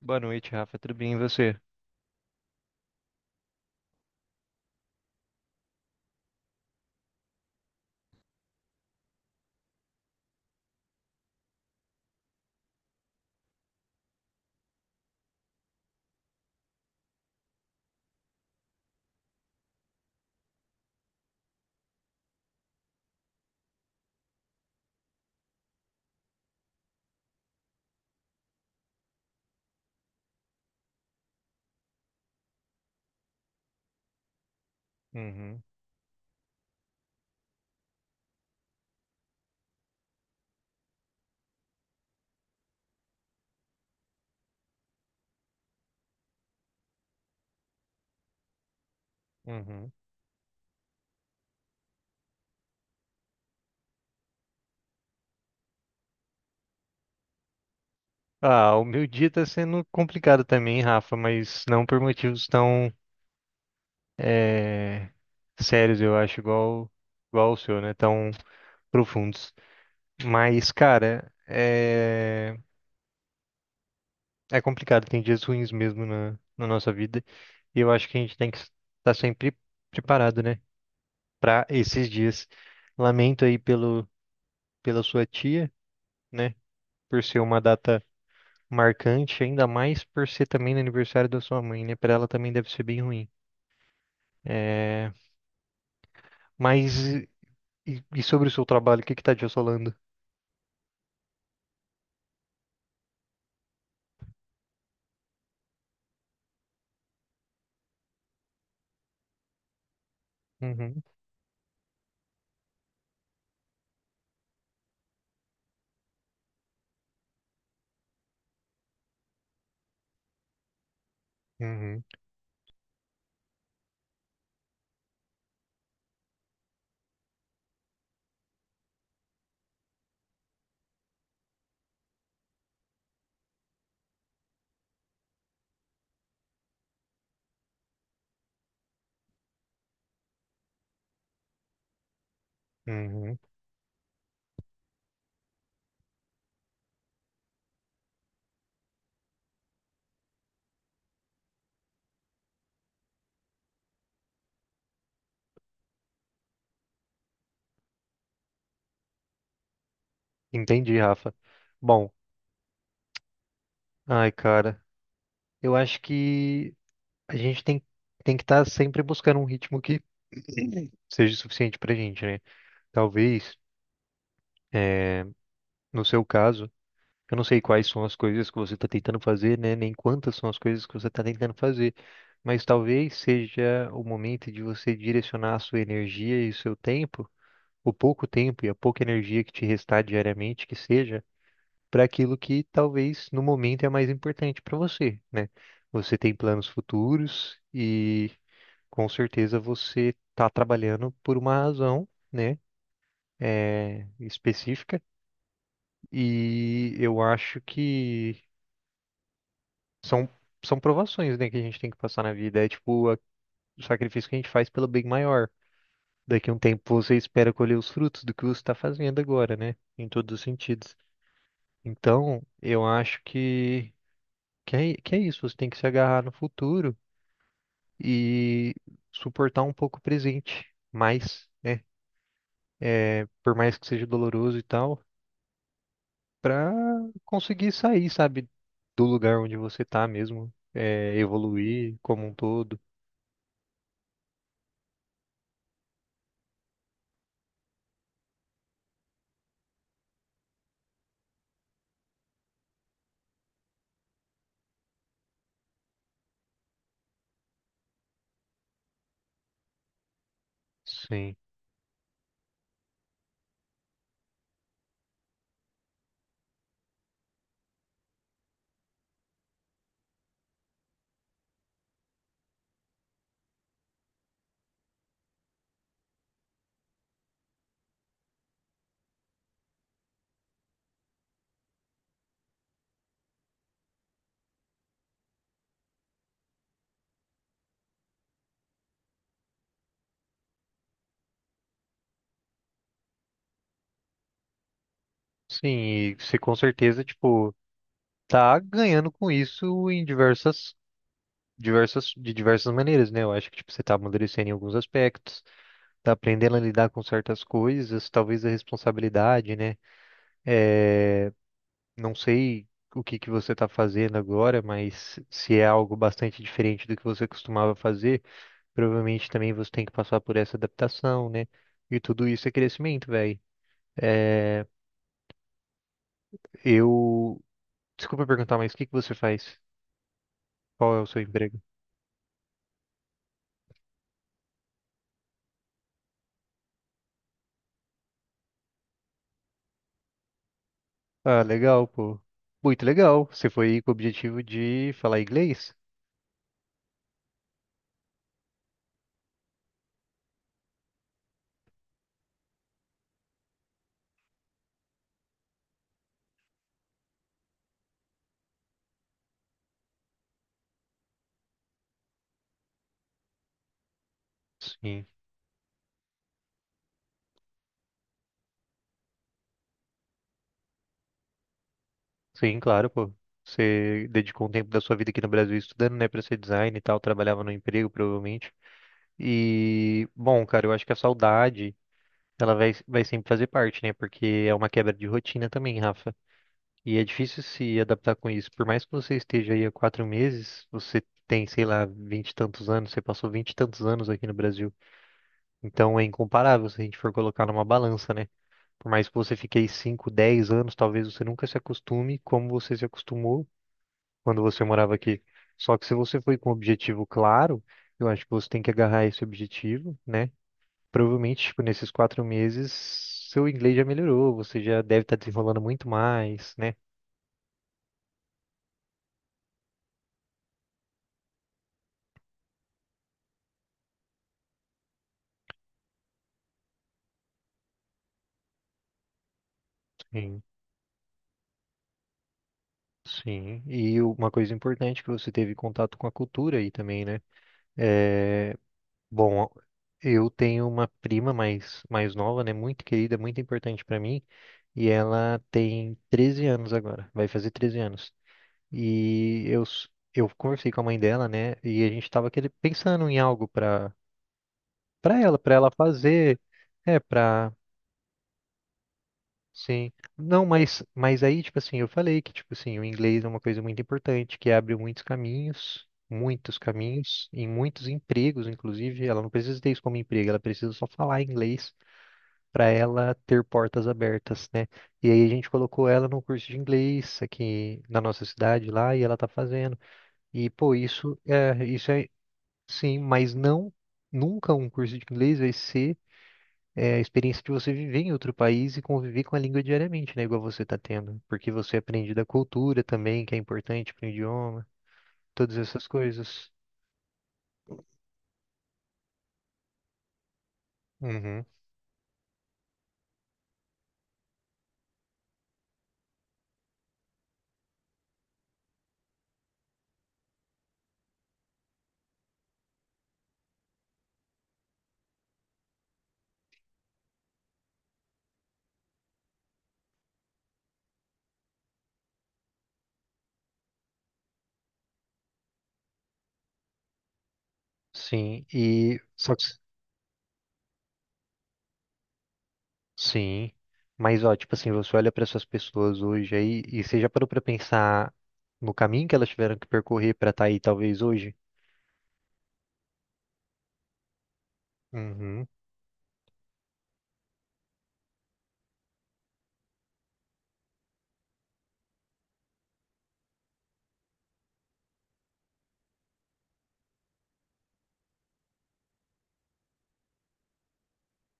Boa noite, Rafa. Tudo bem, e você? Uhum, uhum. Ah, o meu dia tá sendo complicado também, Rafa, mas não por motivos tão eh, sérios, eu acho, igual, igual o seu, né? Tão profundos. Mas, cara, é complicado, tem dias ruins mesmo na nossa vida. E eu acho que a gente tem que estar sempre preparado, né? Para esses dias. Lamento aí pelo, pela sua tia, né? Por ser uma data marcante, ainda mais por ser também no aniversário da sua mãe, né? Para ela também deve ser bem ruim. É, mas e sobre o seu trabalho, o que que tá te assolando? Uhum, uhum, uhum. Entendi, Rafa. Bom, ai, cara, eu acho que a gente tem que estar sempre buscando um ritmo que seja suficiente pra gente, né? Talvez, é, no seu caso. Eu não sei quais são as coisas que você está tentando fazer, né? Nem quantas são as coisas que você está tentando fazer, mas talvez seja o momento de você direcionar a sua energia e o seu tempo, o pouco tempo e a pouca energia que te restar diariamente, que seja, para aquilo que talvez no momento é mais importante para você, né? Você tem planos futuros e com certeza você está trabalhando por uma razão, né? É, específica e eu acho que São, são provações, né, que a gente tem que passar na vida. É o sacrifício que a gente faz pelo bem maior. Daqui a um tempo você espera colher os frutos do que você está fazendo agora, né? Em todos os sentidos. Então, eu acho que é isso. Você tem que se agarrar no futuro e suportar um pouco o presente. Mais, né? É, por mais que seja doloroso e tal, para conseguir sair, sabe, do lugar onde você tá mesmo. É, evoluir como um todo. Sim. Sim, e você com certeza, tipo, tá ganhando com isso em diversas, diversas, de diversas maneiras, né? Eu acho que, tipo, você tá amadurecendo em alguns aspectos, tá aprendendo a lidar com certas coisas, talvez a responsabilidade, né? É, não sei o que que você tá fazendo agora, mas se é algo bastante diferente do que você costumava fazer, provavelmente também você tem que passar por essa adaptação, né? E tudo isso é crescimento, velho. É, eu... Desculpa perguntar, mas o que que você faz? Qual é o seu emprego? Ah, legal, pô. Muito legal. Você foi com o objetivo de falar inglês? Sim. Sim, claro, pô. Você dedicou um tempo da sua vida aqui no Brasil estudando, né, pra ser design e tal, trabalhava no emprego, provavelmente. E, bom, cara, eu acho que a saudade, vai sempre fazer parte, né, porque é uma quebra de rotina também, Rafa. E é difícil se adaptar com isso. Por mais que você esteja aí há 4 meses, você tem, sei lá, vinte e tantos anos, você passou vinte e tantos anos aqui no Brasil. Então é incomparável se a gente for colocar numa balança, né? Por mais que você fique aí 5, 10 anos, talvez você nunca se acostume como você se acostumou quando você morava aqui. Só que se você foi com um objetivo claro, eu acho que você tem que agarrar esse objetivo, né? Provavelmente, tipo, nesses 4 meses, seu inglês já melhorou, você já deve estar desenrolando muito mais, né? Sim. Sim, e uma coisa importante que você teve contato com a cultura aí também, né? Eh, Bom, eu tenho uma prima mais, mais nova, né? Muito querida, muito importante pra mim. E ela tem 13 anos agora, vai fazer 13 anos. E eu, s- eu conversei com a mãe dela, né? E a gente tava querer, pensando em algo pra ela fazer. É, pra. Sim. Não, mas aí, tipo assim, eu falei que, tipo assim, o inglês é uma coisa muito importante, que abre muitos caminhos. Muitos caminhos, em muitos empregos, inclusive, ela não precisa ter isso como emprego, ela precisa só falar inglês para ela ter portas abertas, né? E aí a gente colocou ela num curso de inglês aqui na nossa cidade lá e ela tá fazendo. E pô, isso é sim, mas não nunca um curso de inglês vai ser é, a experiência de você viver em outro país e conviver com a língua diariamente, né? Igual você tá tendo, porque você aprende da cultura também, que é importante para o idioma, todas essas coisas. Uhum. Sim, e só que Sim, mas ó, tipo assim, você olha para essas pessoas hoje aí e você já parou para pensar no caminho que elas tiveram que percorrer para estar aí talvez hoje? Uhum,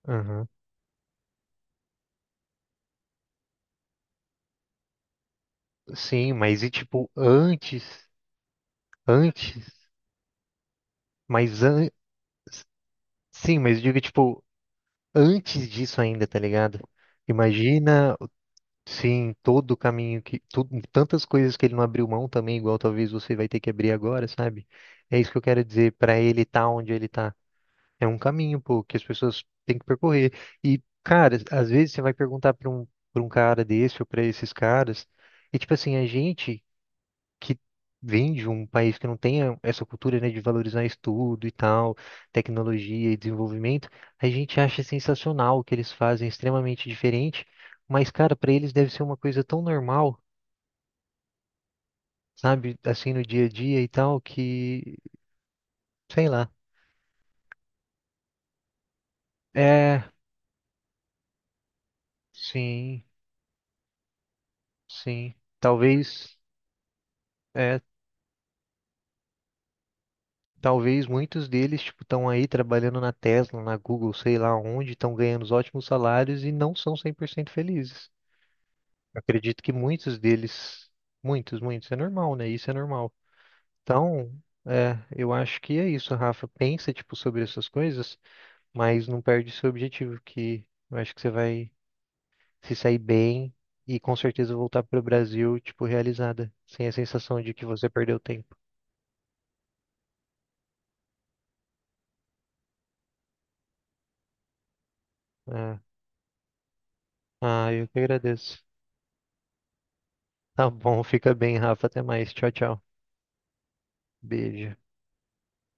uhum. Sim, mas e tipo antes, antes, mas an... sim, mas eu digo tipo antes disso ainda, tá ligado? Imagina, sim, todo o caminho que tudo, tantas coisas que ele não abriu mão também, igual talvez você vai ter que abrir agora, sabe? É isso que eu quero dizer, para ele estar onde ele tá. É um caminho, pô, que as pessoas têm que percorrer. E, cara, às vezes você vai perguntar para um cara desse ou para esses caras, e tipo assim, a gente que vem de um país que não tem essa cultura, né, de valorizar estudo e tal, tecnologia e desenvolvimento, a gente acha sensacional o que eles fazem, é extremamente diferente, mas, cara, para eles deve ser uma coisa tão normal, sabe, assim no dia a dia e tal, que, sei lá. É, sim, sim. Talvez. É Talvez muitos deles, tipo, estão aí trabalhando na Tesla, na Google, sei lá onde, estão ganhando os ótimos salários e não são 100% felizes. Acredito que muitos deles, muitos, muitos, é normal, né? Isso é normal. Então, é, eu acho que é isso, Rafa. Pensa, tipo, sobre essas coisas, mas não perde seu objetivo, que eu acho que você vai se sair bem e com certeza voltar para o Brasil, tipo, realizada, sem a sensação de que você perdeu tempo. É. Ah, eu que agradeço. Tá bom, fica bem, Rafa. Até mais. Tchau, tchau. Beijo.